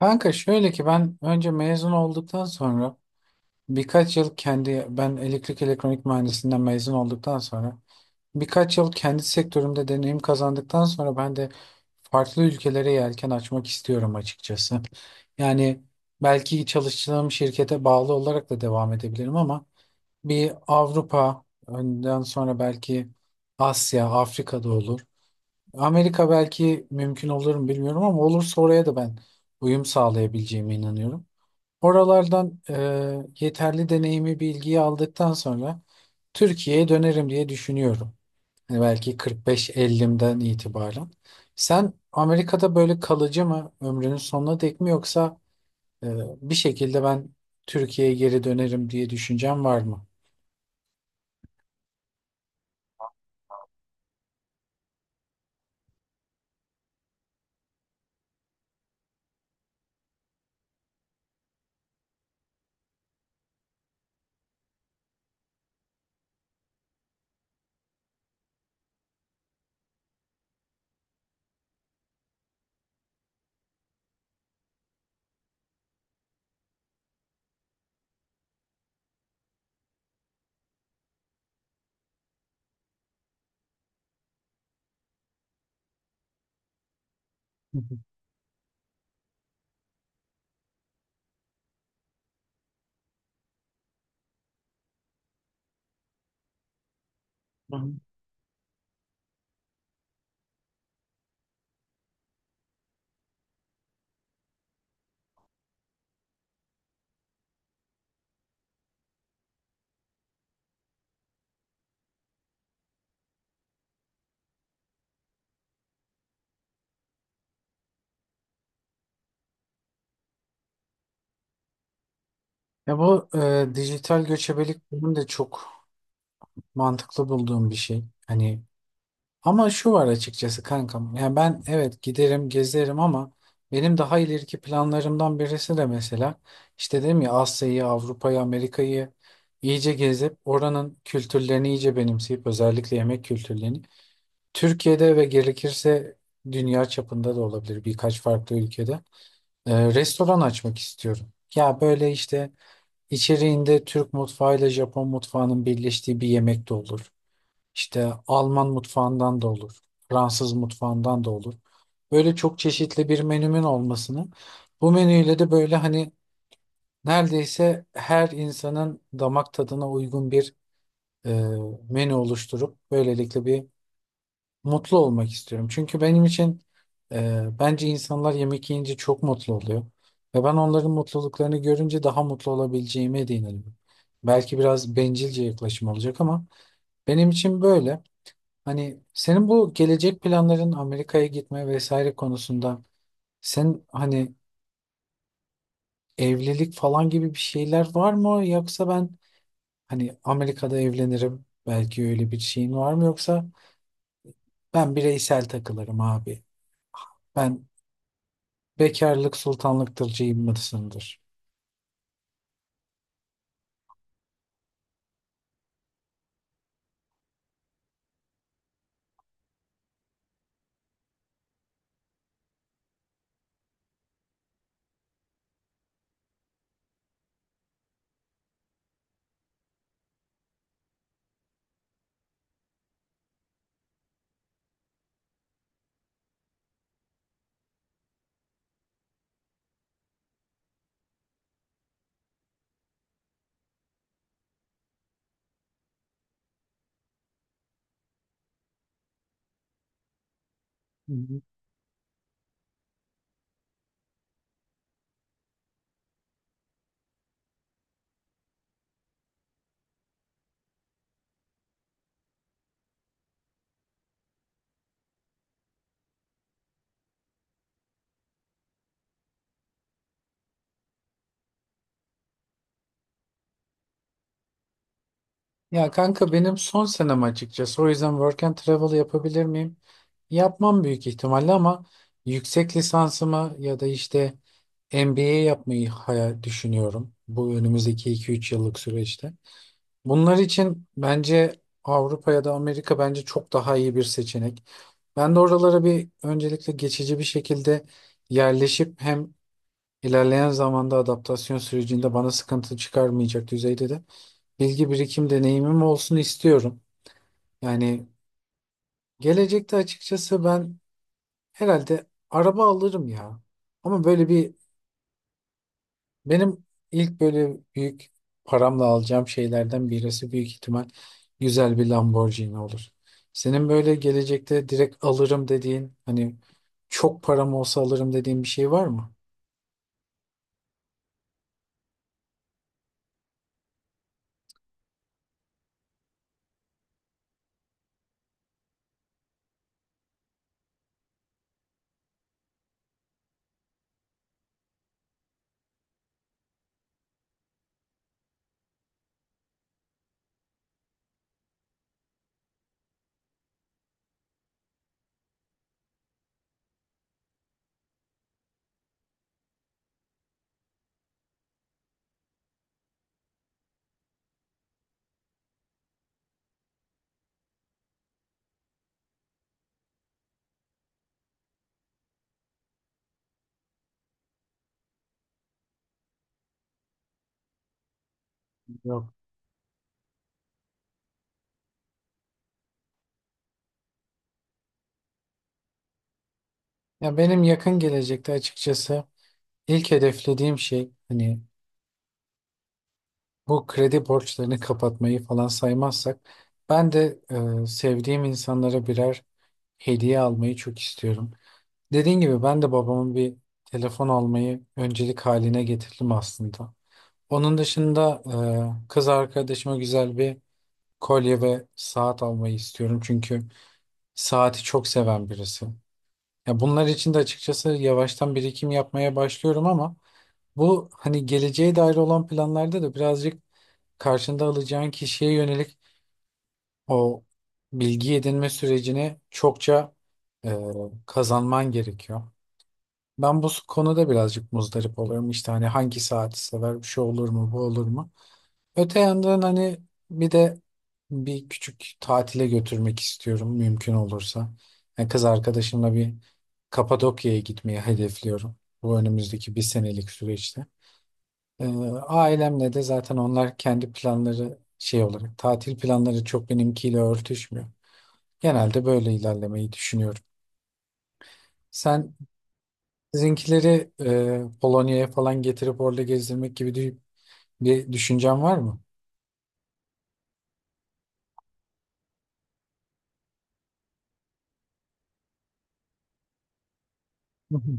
Kanka şöyle ki ben elektrik elektronik mühendisliğinden mezun olduktan sonra birkaç yıl kendi sektörümde deneyim kazandıktan sonra ben de farklı ülkelere yelken açmak istiyorum açıkçası. Yani belki çalıştığım şirkete bağlı olarak da devam edebilirim ama bir Avrupa önden sonra belki Asya, Afrika'da olur. Amerika belki mümkün olur mu bilmiyorum ama olursa oraya da ben uyum sağlayabileceğime inanıyorum. Oralardan yeterli deneyimi, bilgiyi aldıktan sonra Türkiye'ye dönerim diye düşünüyorum. Hani belki 45-50'den itibaren. Sen Amerika'da böyle kalıcı mı ömrünün sonuna dek mi yoksa e, bir şekilde ben Türkiye'ye geri dönerim diye düşüncen var mı? Hı hı. Hı hı. Ya bu dijital göçebelik benim de çok mantıklı bulduğum bir şey. Hani ama şu var açıkçası kankam. Yani ben evet giderim gezerim ama benim daha ileriki planlarımdan birisi de mesela işte dedim ya Asya'yı, Avrupa'yı, Amerika'yı iyice gezip oranın kültürlerini iyice benimseyip özellikle yemek kültürlerini Türkiye'de ve gerekirse dünya çapında da olabilir birkaç farklı ülkede restoran açmak istiyorum. Ya böyle işte içeriğinde Türk mutfağıyla Japon mutfağının birleştiği bir yemek de olur. İşte Alman mutfağından da olur, Fransız mutfağından da olur. Böyle çok çeşitli bir menümün olmasını, bu menüyle de böyle hani neredeyse her insanın damak tadına uygun bir e, menü oluşturup böylelikle bir mutlu olmak istiyorum. Çünkü benim için bence insanlar yemek yiyince çok mutlu oluyor. Ve ben onların mutluluklarını görünce daha mutlu olabileceğime de inanıyorum. Belki biraz bencilce yaklaşım olacak ama benim için böyle. Hani senin bu gelecek planların Amerika'ya gitme vesaire konusunda sen hani evlilik falan gibi bir şeyler var mı? Yoksa ben hani Amerika'da evlenirim belki öyle bir şeyin var mı? Yoksa ben bireysel takılırım abi. Ben bekarlık sultanlıktırcıyım mısındır? Ya kanka benim son senem açıkçası. O yüzden work and travel yapabilir miyim? Yapmam büyük ihtimalle ama yüksek lisansımı ya da işte MBA yapmayı hayal düşünüyorum. Bu önümüzdeki 2-3 yıllık süreçte. Bunlar için bence Avrupa ya da Amerika bence çok daha iyi bir seçenek. Ben de oralara bir öncelikle geçici bir şekilde yerleşip hem ilerleyen zamanda adaptasyon sürecinde bana sıkıntı çıkarmayacak düzeyde de bilgi birikim deneyimim olsun istiyorum. Yani gelecekte açıkçası ben herhalde araba alırım ya. Ama böyle bir benim ilk böyle büyük paramla alacağım şeylerden birisi büyük ihtimal güzel bir Lamborghini olur. Senin böyle gelecekte direkt alırım dediğin hani çok param olsa alırım dediğin bir şey var mı? Yok. Ya benim yakın gelecekte açıkçası ilk hedeflediğim şey hani bu kredi borçlarını kapatmayı falan saymazsak ben de sevdiğim insanlara birer hediye almayı çok istiyorum. Dediğin gibi ben de babamın bir telefon almayı öncelik haline getirdim aslında. Onun dışında kız arkadaşıma güzel bir kolye ve saat almayı istiyorum. Çünkü saati çok seven birisi. Ya bunlar için de açıkçası yavaştan birikim yapmaya başlıyorum ama bu hani geleceğe dair olan planlarda da birazcık karşında alacağın kişiye yönelik o bilgi edinme sürecini çokça e, kazanman gerekiyor. Ben bu konuda birazcık muzdarip oluyorum. İşte hani hangi saati sever, bir şey olur mu, bu olur mu? Öte yandan hani bir de bir küçük tatile götürmek istiyorum mümkün olursa. Yani kız arkadaşımla bir Kapadokya'ya gitmeyi hedefliyorum. Bu önümüzdeki bir senelik süreçte. Ee, Ailemle de zaten onlar kendi planları şey olarak tatil planları çok benimkiyle örtüşmüyor. Genelde böyle ilerlemeyi düşünüyorum. Sen Sizinkileri Polonya'ya falan getirip orada gezdirmek gibi bir düşüncen var mı? Hı hı.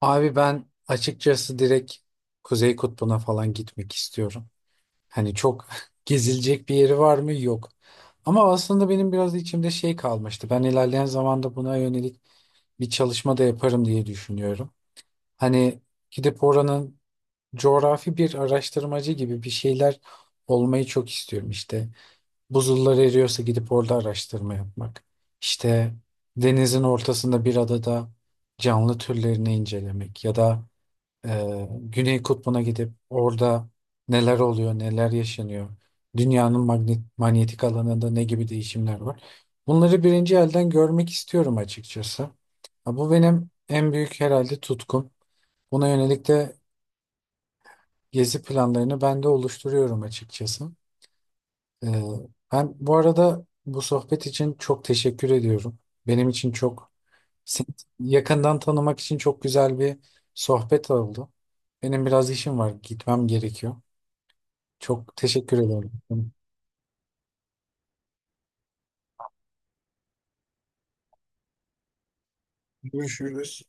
Abi ben açıkçası direkt Kuzey Kutbu'na falan gitmek istiyorum. Hani çok gezilecek bir yeri var mı? Yok. Ama aslında benim biraz içimde şey kalmıştı. Ben ilerleyen zamanda buna yönelik bir çalışma da yaparım diye düşünüyorum. Hani gidip oranın coğrafi bir araştırmacı gibi bir şeyler olmayı çok istiyorum işte. Buzullar eriyorsa gidip orada araştırma yapmak. İşte denizin ortasında bir adada canlı türlerini incelemek ya da Güney Kutbu'na gidip orada neler oluyor, neler yaşanıyor. Dünyanın magnet, manyetik alanında ne gibi değişimler var. Bunları birinci elden görmek istiyorum açıkçası. Ha, bu benim en büyük herhalde tutkum. Buna yönelik de gezi planlarını ben de oluşturuyorum açıkçası. Ee, Ben bu arada bu sohbet için çok teşekkür ediyorum. Benim için çok seni yakından tanımak için çok güzel bir sohbet oldu. Benim biraz işim var, gitmem gerekiyor. Çok teşekkür ederim. Görüşürüz.